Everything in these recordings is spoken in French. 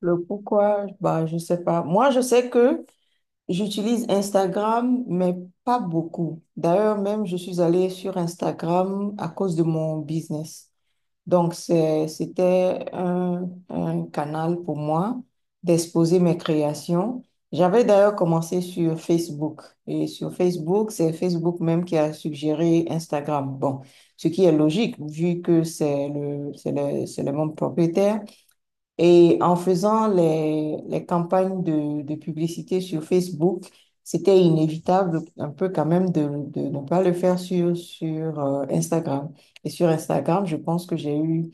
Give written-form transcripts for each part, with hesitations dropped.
Le pourquoi, bah, je sais pas. Moi, je sais que j'utilise Instagram, mais pas beaucoup. D'ailleurs, même, je suis allée sur Instagram à cause de mon business. Donc, c'était un canal pour moi d'exposer mes créations. J'avais d'ailleurs commencé sur Facebook. Et sur Facebook, c'est Facebook même qui a suggéré Instagram. Bon, ce qui est logique, vu que c'est le même propriétaire. Et en faisant les campagnes de publicité sur Facebook, c'était inévitable un peu quand même de ne pas le faire sur Instagram. Et sur Instagram, je pense que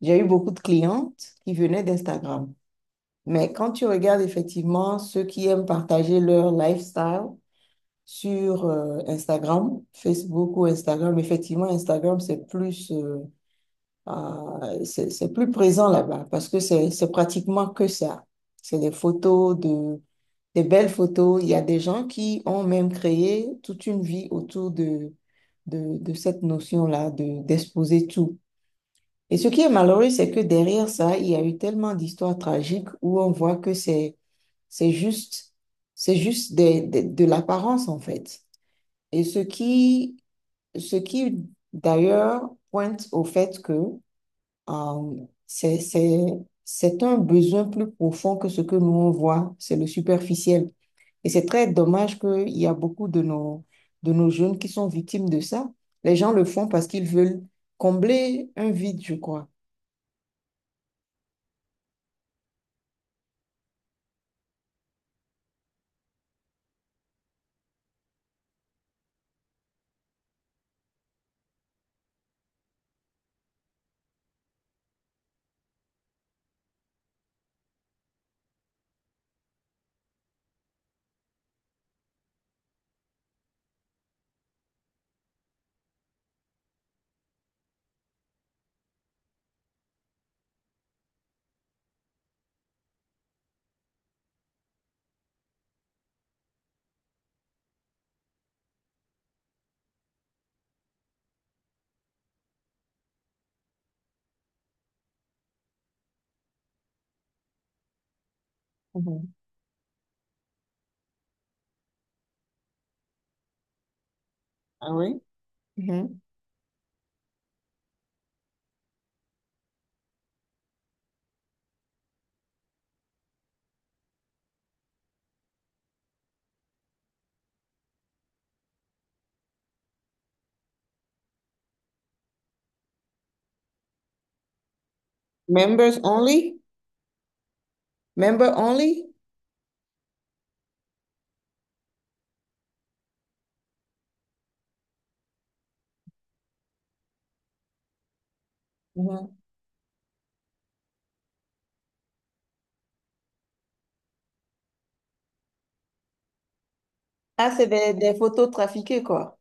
j'ai eu beaucoup de clientes qui venaient d'Instagram. Mais quand tu regardes effectivement ceux qui aiment partager leur lifestyle sur Instagram, Facebook ou Instagram, effectivement, Instagram, c'est c'est plus présent là-bas parce que c'est pratiquement que ça. C'est des photos, de, des belles photos. Il y a des gens qui ont même créé toute une vie autour de, de cette notion-là, de, d'exposer tout. Et ce qui est malheureux, c'est que derrière ça, il y a eu tellement d'histoires tragiques où on voit que c'est juste, c'est juste de l'apparence en fait. Et ce qui d'ailleurs pointe au fait que euh, c'est, c'est, c'est un besoin plus profond que ce que nous on voit, c'est le superficiel. Et c'est très dommage qu'il y a beaucoup de de nos jeunes qui sont victimes de ça. Les gens le font parce qu'ils veulent combler un vide, je crois. Mhm. Ah oui? Mhm. Members only? Member only? Mhm. Ah, c'est des photos trafiquées, quoi.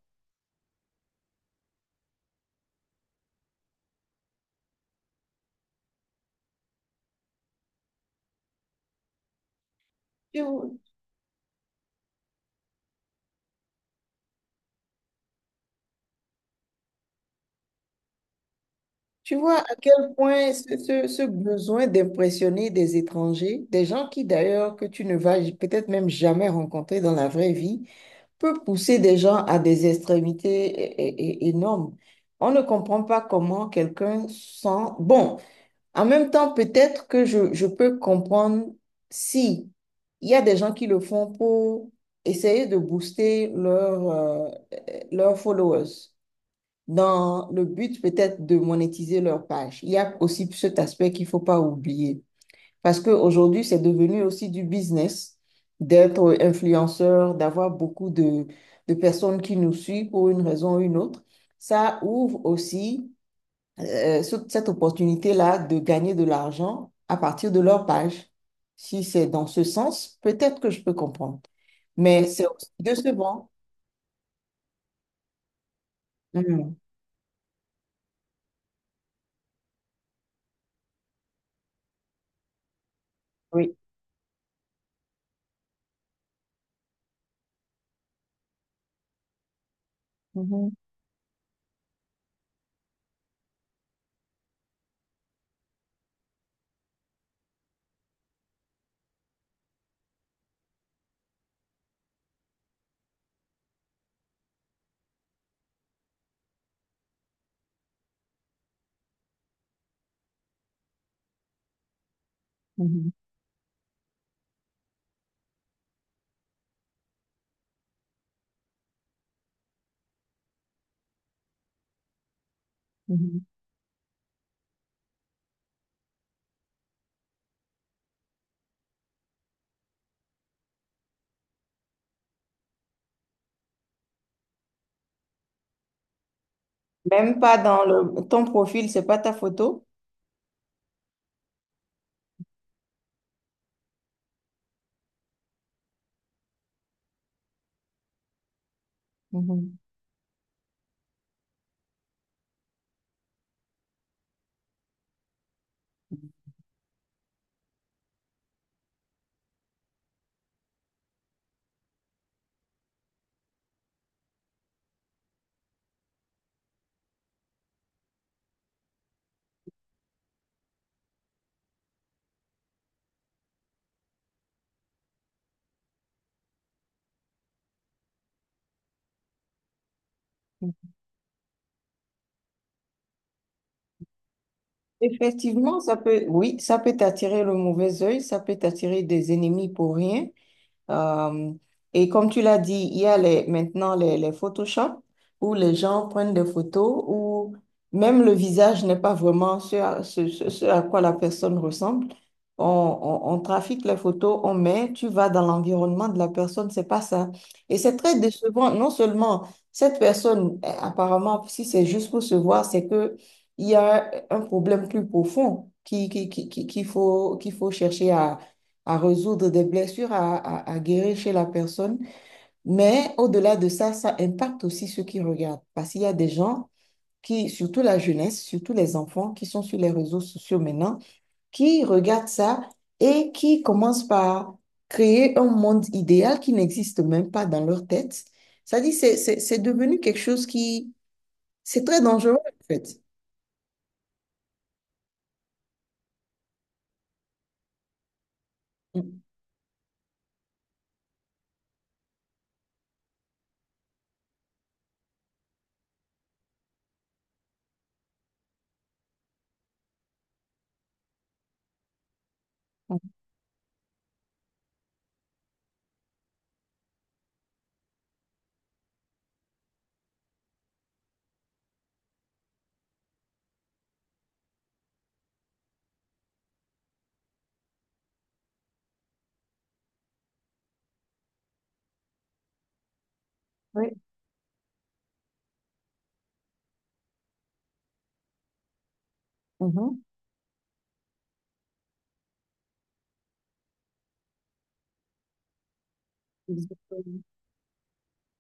Tu, Tu vois à quel point ce besoin d'impressionner des étrangers, des gens qui d'ailleurs que tu ne vas peut-être même jamais rencontrer dans la vraie vie, peut pousser des gens à des extrémités énormes. On ne comprend pas comment quelqu'un sent... Bon, en même temps, peut-être que je peux comprendre si il y a des gens qui le font pour essayer de booster leur, leurs followers dans le but peut-être de monétiser leur page. Il y a aussi cet aspect qu'il ne faut pas oublier. Parce qu'aujourd'hui, c'est devenu aussi du business d'être influenceur, d'avoir beaucoup de personnes qui nous suivent pour une raison ou une autre. Ça ouvre aussi euh, cette opportunité-là de gagner de l'argent à partir de leur page. Si c'est dans ce sens, peut-être que je peux comprendre. Mais c'est aussi décevant. Mhm. Oui. Mhm. Mhm. Mhm. Même pas dans le, ton profil, c'est pas ta photo. Mhm. Effectivement, ça peut, oui, ça peut t'attirer le mauvais œil, ça peut t'attirer des ennemis pour rien. Euh, et comme tu l'as dit, il y a les, maintenant les Photoshop où les gens prennent des photos où même le visage n'est pas vraiment ce à quoi la personne ressemble. On, on trafique les photos, on met, tu vas dans l'environnement de la personne, c'est pas ça. Et c'est très décevant. Non seulement cette personne, eh, apparemment, si c'est juste pour se voir, c'est que il y a un problème plus profond qu'il faut chercher à résoudre des blessures, à, à guérir chez la personne. Mais au-delà de ça, ça impacte aussi ceux qui regardent. Parce qu'il y a des gens qui, surtout la jeunesse, surtout les enfants qui sont sur les réseaux sociaux maintenant, qui regardent ça et qui commencent par créer un monde idéal qui n'existe même pas dans leur tête. Ça dit, c'est devenu quelque chose qui, c'est très dangereux en fait. Mm. Oui, mhm. Exactement.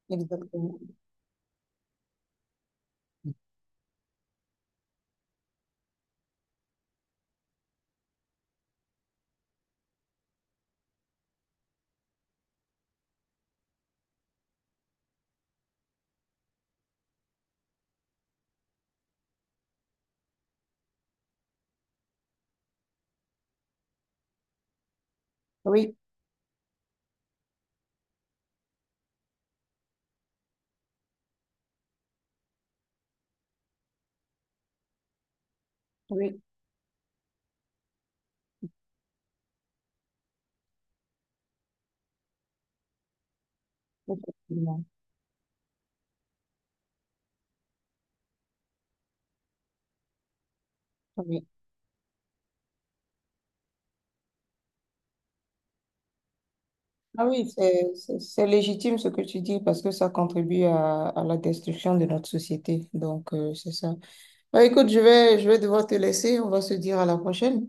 Exactement. Oui, oui, effectivement. Oui. Ah oui, c'est légitime ce que tu dis parce que ça contribue à la destruction de notre société. Donc, c'est ça. Bah, écoute, je vais devoir te laisser. On va se dire à la prochaine.